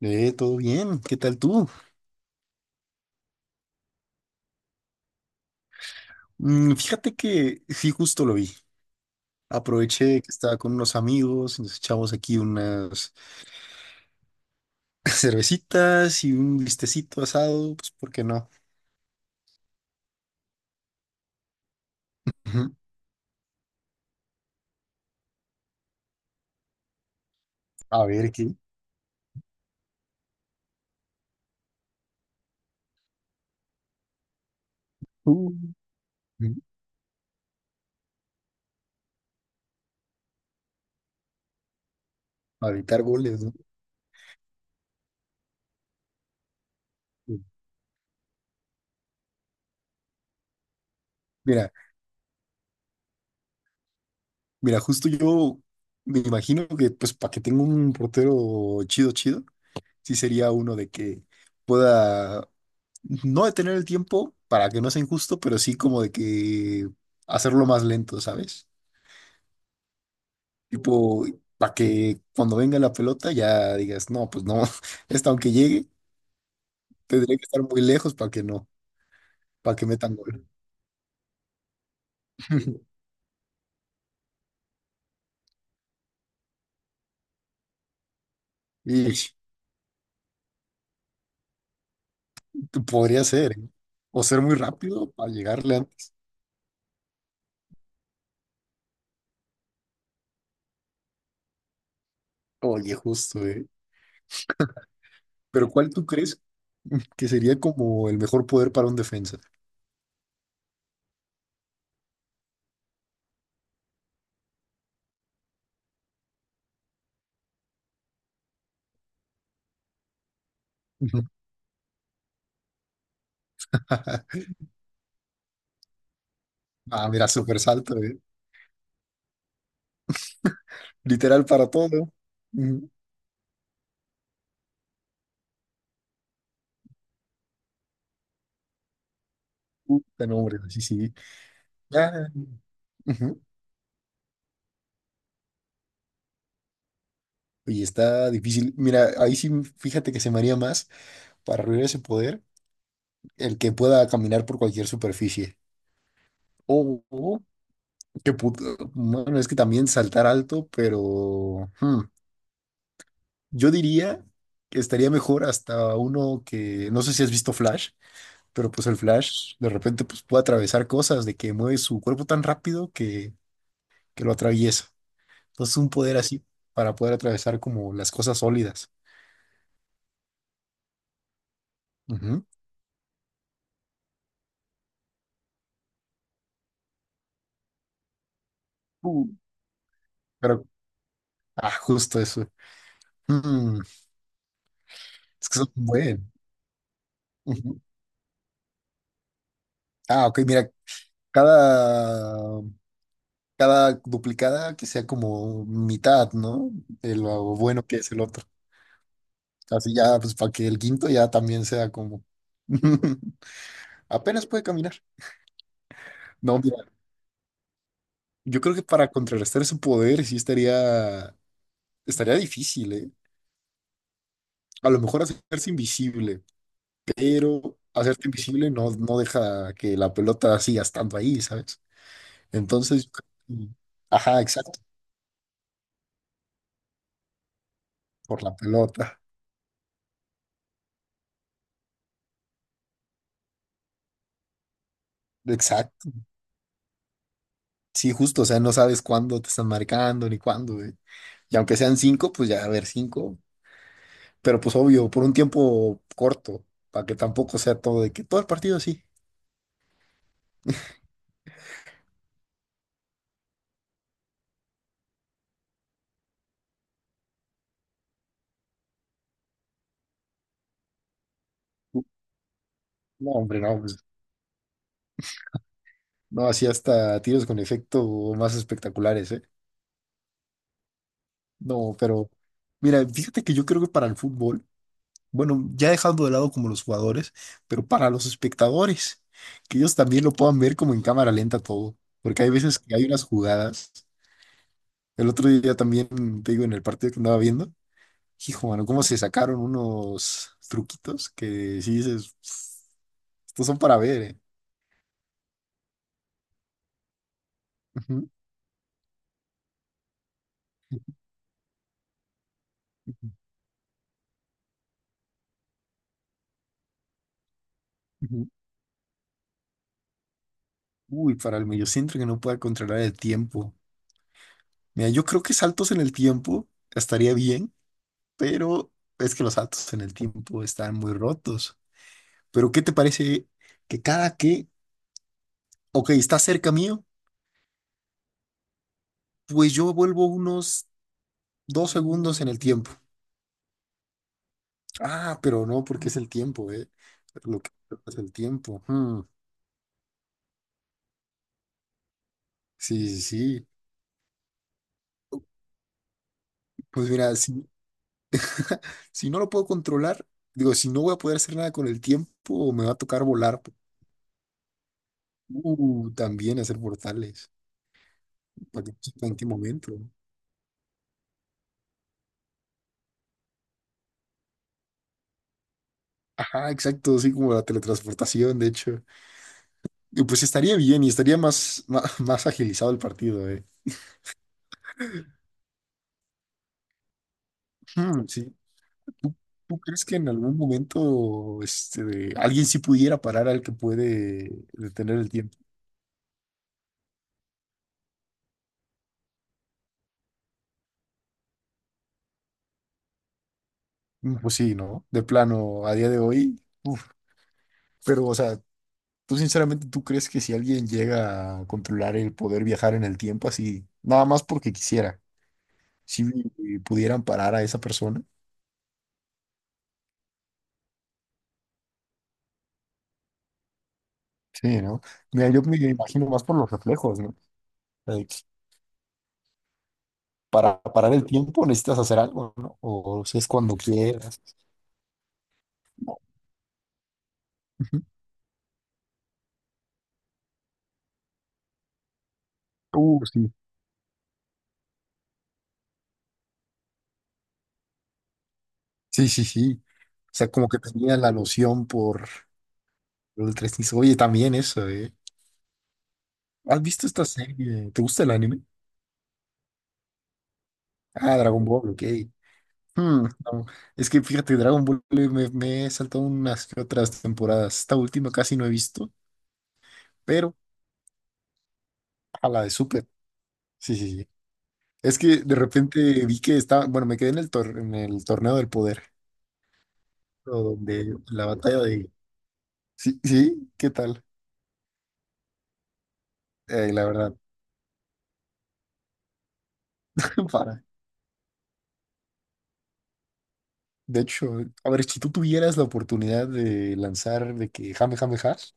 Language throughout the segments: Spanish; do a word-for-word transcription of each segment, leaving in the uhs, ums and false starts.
Eh, todo bien, ¿qué tal tú? Mm, fíjate que sí, justo lo vi. Aproveché que estaba con unos amigos, nos echamos aquí unas cervecitas y un listecito asado, pues ¿por qué no? Ujú. A ver qué. Uh, ujú. A evitar goles, ¿no? Sí. Mira, mira, justo yo me imagino que pues para que tenga un portero chido, chido, sí sería uno de que pueda no detener el tiempo para que no sea injusto, pero sí como de que hacerlo más lento, ¿sabes? Tipo, para que cuando venga la pelota ya digas, no, pues no, esta aunque llegue, tendría que estar muy lejos para que no, para que metan gol. Y podría ser, ¿eh? O ser muy rápido para llegarle antes. Oye, justo, ¿eh? Pero ¿cuál tú crees que sería como el mejor poder para un defensa? Ah, mira, súper salto, ¿eh? Literal para todo. Puta, no, hombre, sí, sí. Ya, ujú. Oye, está difícil. Mira, ahí sí, fíjate que se me haría más para lograr ese poder el que pueda caminar por cualquier superficie. Oh, oh, qué puto. Bueno, es que también saltar alto, pero hmm, yo diría que estaría mejor hasta uno que no sé si has visto Flash, pero pues el Flash de repente pues puede atravesar cosas de que mueve su cuerpo tan rápido que, que lo atraviesa. Entonces, un poder así para poder atravesar como las cosas sólidas. Mm. Pero, ah, justo eso. Mm, es que son un buen. Ujú. Ah, ok, mira, cada, cada duplicada que sea como mitad, ¿no? De lo bueno que es el otro. Así ya, pues para que el quinto ya también sea como... Apenas puede caminar. No, mira, yo creo que para contrarrestar su poder sí estaría, estaría difícil, ¿eh? A lo mejor hacerse invisible, pero hacerte invisible no, no deja que la pelota siga estando ahí, ¿sabes? Entonces, ajá, exacto, por la pelota. Exacto. Sí, justo, o sea, no sabes cuándo te están marcando ni cuándo, güey. Y aunque sean cinco, pues ya, a ver, cinco. Pero pues obvio, por un tiempo corto, para que tampoco sea todo de que todo el partido sí. No, hombre, no, pues, no, así hasta tiros con efecto más espectaculares, ¿eh? No, pero mira, fíjate que yo creo que para el fútbol. Bueno, ya dejando de lado como los jugadores, pero para los espectadores, que ellos también lo puedan ver como en cámara lenta todo, porque hay veces que hay unas jugadas. El otro día también, te digo, en el partido que andaba viendo, hijo, mano, cómo se sacaron unos truquitos que si dices, "Pff, estos son para ver, ¿eh?". Ujú, ujú, ujú. Uy, para el mediocentro que no pueda controlar el tiempo. Mira, yo creo que saltos en el tiempo estaría bien, pero es que los saltos en el tiempo están muy rotos. Pero ¿qué te parece que cada que, ok, está cerca mío, pues yo vuelvo unos dos segundos en el tiempo? Ah, pero no, porque es el tiempo, ¿eh? Lo que es el tiempo. Hmm, sí, sí, sí. Pues mira, si, si no lo puedo controlar, digo, si no voy a poder hacer nada con el tiempo, me va a tocar volar. Uh, también hacer portales. Para que no sepa en qué momento. Ajá, exacto, así como la teletransportación, de hecho. Y pues estaría bien y estaría más, más, más agilizado el partido, ¿eh? Mm, sí. ¿Tú, ¿tú crees que en algún momento este, alguien sí pudiera parar al que puede detener el tiempo? Mm, pues sí, ¿no? De plano, a día de hoy, uf. Pero, o sea, ¿tú sinceramente tú crees que si alguien llega a controlar el poder viajar en el tiempo así, nada más porque quisiera, si pudieran parar a esa persona? Sí, ¿no? Mira, yo me imagino más por los reflejos, ¿no? Like, para parar el tiempo necesitas hacer algo, ¿no? O si es cuando quieras. ¿No? Ujú. Uh, sí. Sí, sí, sí. O sea, como que tenía la loción por lo del tres niños. Oye, también eso, ¿eh? ¿Has visto esta serie? ¿Te gusta el anime? Ah, Dragon Ball, ok. Hmm, no. Es que fíjate, Dragon Ball eh, me, me he saltado unas que otras temporadas. Esta última casi no he visto, pero a la de Super. Sí, sí, sí. Es que de repente vi que estaba, bueno, me quedé en el, tor- en el torneo del poder, o donde la batalla de... Sí, sí, ¿qué tal? Eh, la verdad, para. De hecho, a ver, si tú tuvieras la oportunidad de lanzar de que jame, jame, has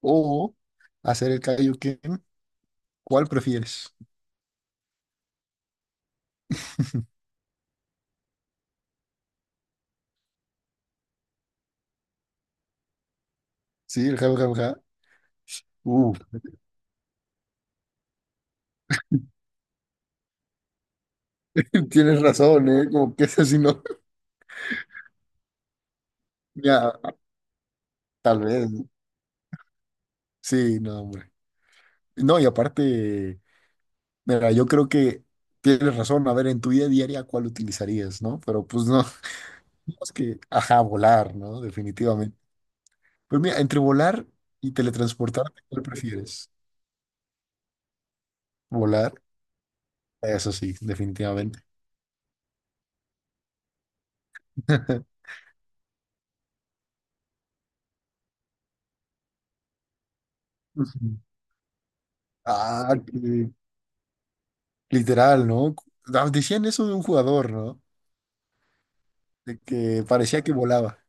o hacer el Kaioken, ¿cuál prefieres? Sí, el jame, jame, ja. Uf, tienes razón, ¿eh? Como que es así, ¿no? Ya, tal vez, ¿no? Sí, no, hombre. No, y aparte, mira, yo creo que tienes razón. A ver, en tu vida diaria, ¿cuál utilizarías, no? Pero pues no, es que, ajá, volar, ¿no? Definitivamente. Pues mira, entre volar y teletransportarte, ¿cuál prefieres? ¿Volar? Eso sí, definitivamente. Ujú. Ah, que- literal, ¿no? Ah, decían eso de un jugador, ¿no? De que parecía que volaba.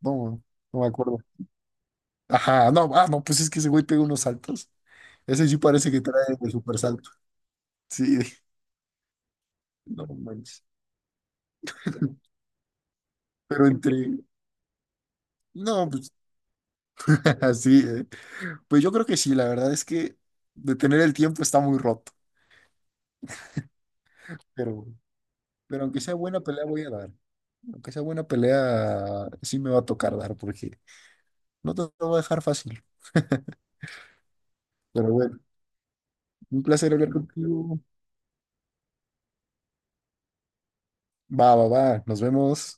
No, no me acuerdo. Ajá, no, ah, no, pues es que ese güey pega unos saltos. Ese sí parece que trae el super salto. Sí, no manches. Pero entre. No, pues así, eh. Pues yo creo que sí, la verdad es que detener el tiempo está muy roto. Pero, pero aunque sea buena pelea, voy a dar. Aunque sea buena pelea, sí me va a tocar dar, porque no te lo voy a dejar fácil. Pero bueno, un placer hablar contigo. Va, va, va. Nos vemos.